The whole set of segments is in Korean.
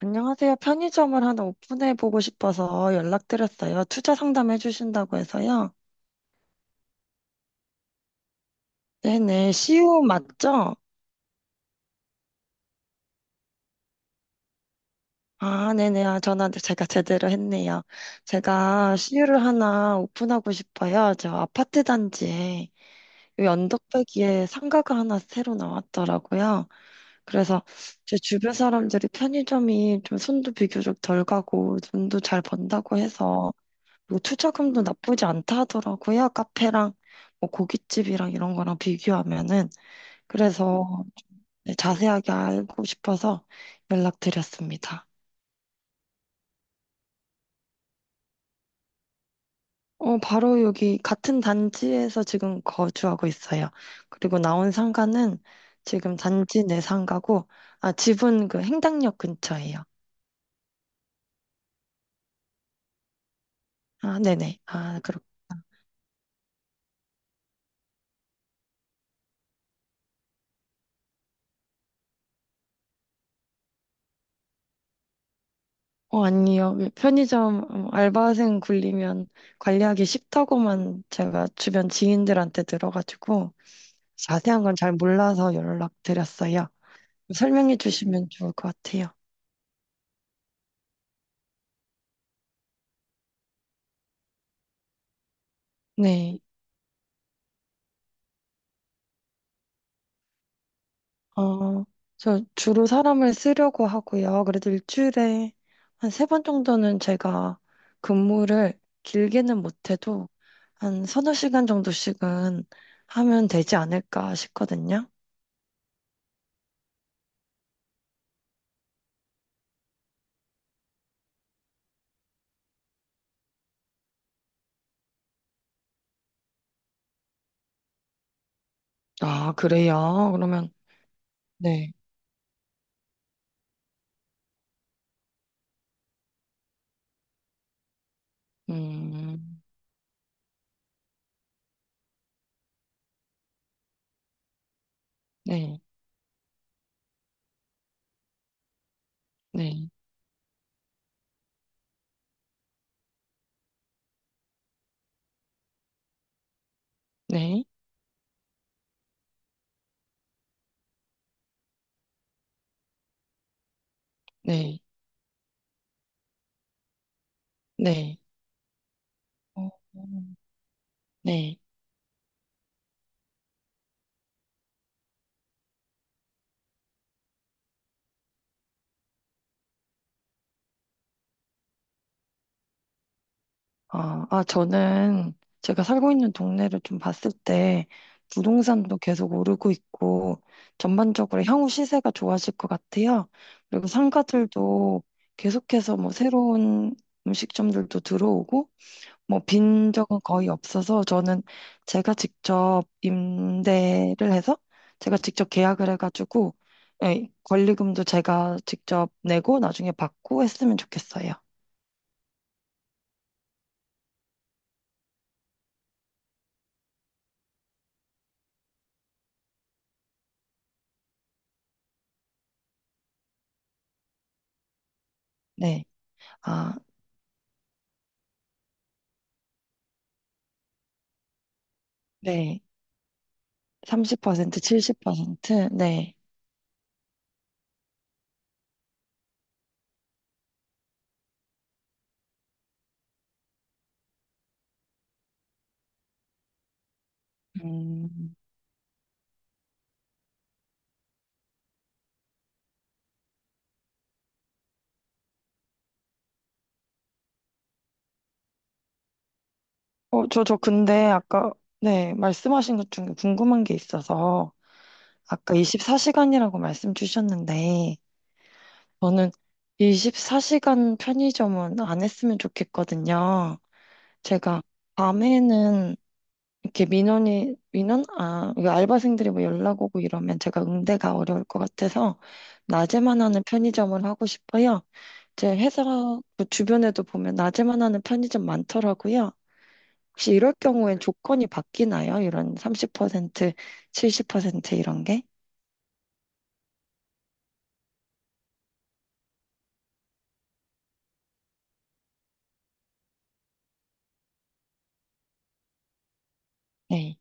안녕하세요. 편의점을 하나 오픈해 보고 싶어서 연락드렸어요. 투자 상담해 주신다고 해서요. 네네. CU 맞죠? 아, 네네. 아, 전화를 제가 제대로 했네요. 제가 CU를 하나 오픈하고 싶어요. 저 아파트 단지에 요 언덕배기에 상가가 하나 새로 나왔더라고요. 그래서 제 주변 사람들이 편의점이 좀 손도 비교적 덜 가고 돈도 잘 번다고 해서 뭐 투자금도 나쁘지 않다 하더라고요. 카페랑 뭐 고깃집이랑 이런 거랑 비교하면은. 그래서 네, 자세하게 알고 싶어서 연락드렸습니다. 어, 바로 여기 같은 단지에서 지금 거주하고 있어요. 그리고 나온 상가는 지금 단지 내 상가고, 아, 집은 그 행당역 근처예요. 아, 네네. 아, 그렇 어, 아니요. 편의점 알바생 굴리면 관리하기 쉽다고만 제가 주변 지인들한테 들어가지고, 자세한 건 잘 몰라서 연락드렸어요. 설명해 주시면 좋을 것 같아요. 네. 어, 저 주로 사람을 쓰려고 하고요. 그래도 일주일에 한 세 번 정도는 제가 근무를 길게는 못해도 한 서너 시간 정도씩은 하면 되지 않을까 싶거든요. 아, 그래요? 그러면, 네. 음, 네, 네, 네, 네, 네. 어, 네. 저는 제가 살고 있는 동네를 좀 봤을 때 부동산도 계속 오르고 있고 전반적으로 향후 시세가 좋아질 것 같아요. 그리고 상가들도 계속해서 뭐 새로운 음식점들도 들어오고 뭐 빈적은 거의 없어서 저는 제가 직접 임대를 해서 제가 직접 계약을 해가지고 예, 권리금도 제가 직접 내고 나중에 받고 했으면 좋겠어요. 네. 아, 네. 30%, 70%? 네. 음, 어, 저 근데 아까, 네, 말씀하신 것 중에 궁금한 게 있어서, 아까 24시간이라고 말씀 주셨는데, 저는 24시간 편의점은 안 했으면 좋겠거든요. 제가 밤에는 이렇게 민원이 민원 아 이거 알바생들이 뭐 연락 오고 이러면 제가 응대가 어려울 것 같아서 낮에만 하는 편의점을 하고 싶어요. 제 회사 그 주변에도 보면 낮에만 하는 편의점 많더라고요. 혹시 이럴 경우엔 조건이 바뀌나요? 이런 30%, 70% 이런 게? 네.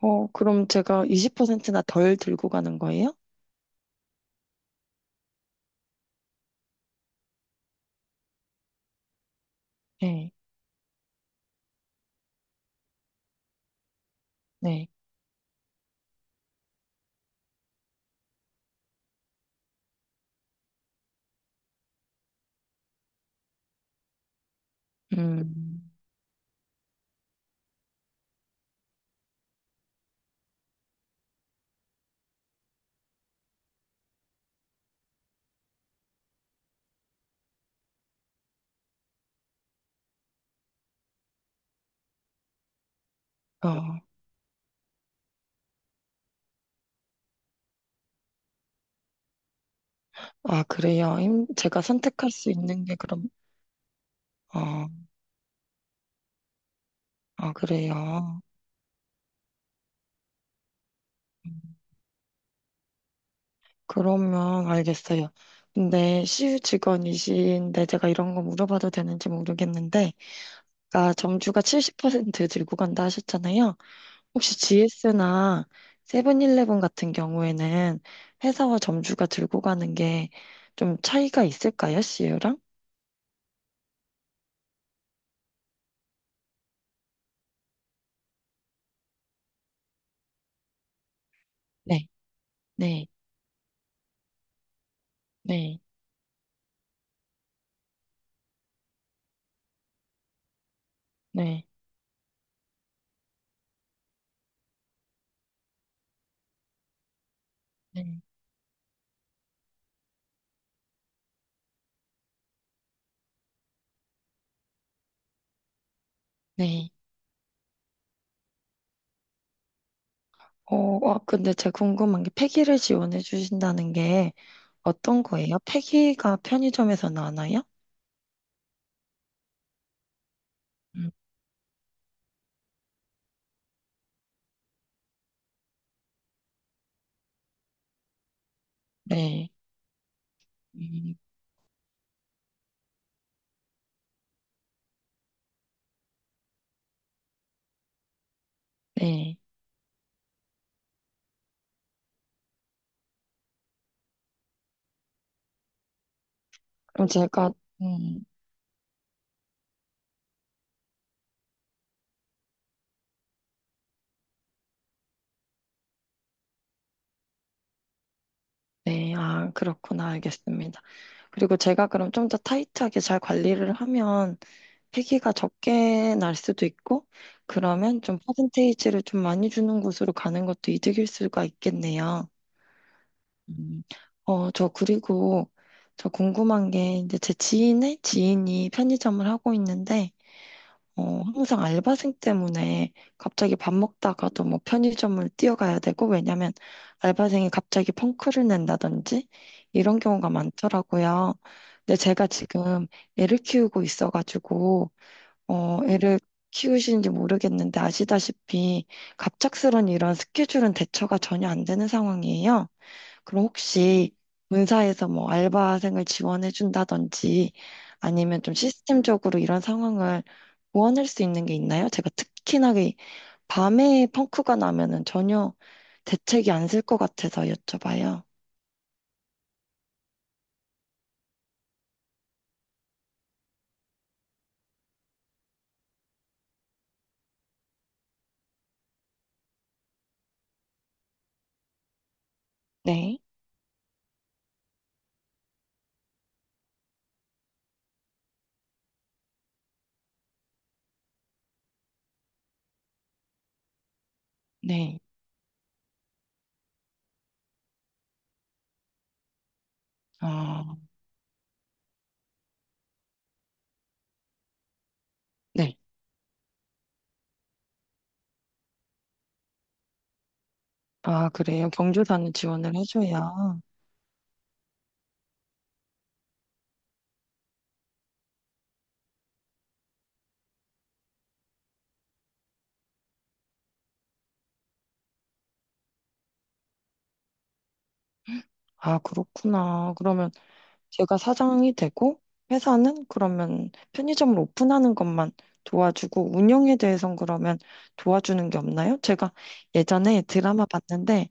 어, 그럼 제가 20%나 덜 들고 가는 거예요? 네. 네. 음. 어. 아, 그래요. 제가 선택할 수 있는 게 그럼 어, 아, 그래요. 그러면 알겠어요. 근데 시유직원이신데 제가 이런 거 물어봐도 되는지 모르겠는데, 아까 점주가 70% 들고 간다 하셨잖아요. 혹시 GS나 세븐일레븐 같은 경우에는 회사와 점주가 들고 가는 게 좀 차이가 있을까요, 시유랑? 네, 네, 네, 네, 네, 네. 어, 아, 근데 제가 궁금한 게 폐기를 지원해 주신다는 게 어떤 거예요? 폐기가 편의점에서 나나요? 음, 네. 음, 네. 그럼 제가, 음, 네. 아, 그렇구나. 알겠습니다. 그리고 제가 그럼 좀 더 타이트하게 잘 관리를 하면 폐기가 적게 날 수도 있고, 그러면 좀 퍼센테이지를 좀 많이 주는 곳으로 가는 것도 이득일 수가 있겠네요. 음, 어, 저 그리고 저 궁금한 게 이제 제 지인의 지인이 편의점을 하고 있는데, 어, 항상 알바생 때문에 갑자기 밥 먹다가도 뭐 편의점을 뛰어가야 되고, 왜냐면 알바생이 갑자기 펑크를 낸다든지 이런 경우가 많더라고요. 근데 제가 지금 애를 키우고 있어가지고, 어, 애를 키우시는지 모르겠는데 아시다시피 갑작스런 이런 스케줄은 대처가 전혀 안 되는 상황이에요. 그럼 혹시 본사에서 뭐 알바생을 지원해 준다든지 아니면 좀 시스템적으로 이런 상황을 보완할 수 있는 게 있나요? 제가 특히나 이 밤에 펑크가 나면은 전혀 대책이 안 쓸 것 같아서 여쭤봐요. 네, 네, 아, 네. 아, 그래요? 경조사는 지원을 해줘야. 아, 그렇구나. 그러면 제가 사장이 되고 회사는 그러면 편의점을 오픈하는 것만 도와주고 운영에 대해선 그러면 도와주는 게 없나요? 제가 예전에 드라마 봤는데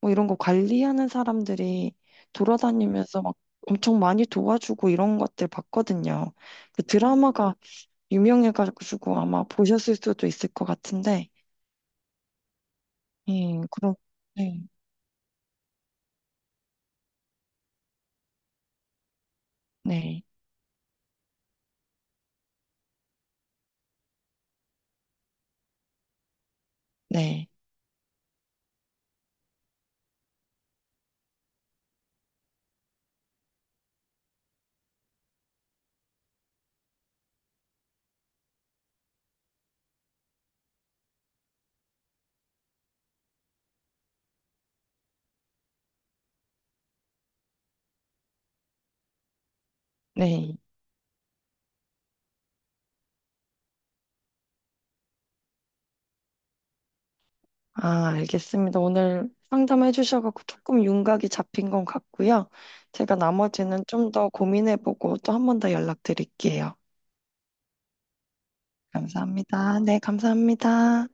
뭐 이런 거 관리하는 사람들이 돌아다니면서 막 엄청 많이 도와주고 이런 것들 봤거든요. 그 드라마가 유명해가지고 아마 보셨을 수도 있을 것 같은데, 예, 그럼, 네, 네, 네, 네. 아, 알겠습니다. 오늘 상담해 주셔서 조금 윤곽이 잡힌 것 같고요. 제가 나머지는 좀 더 고민해보고 또 한 번 더 연락드릴게요. 감사합니다. 네, 감사합니다.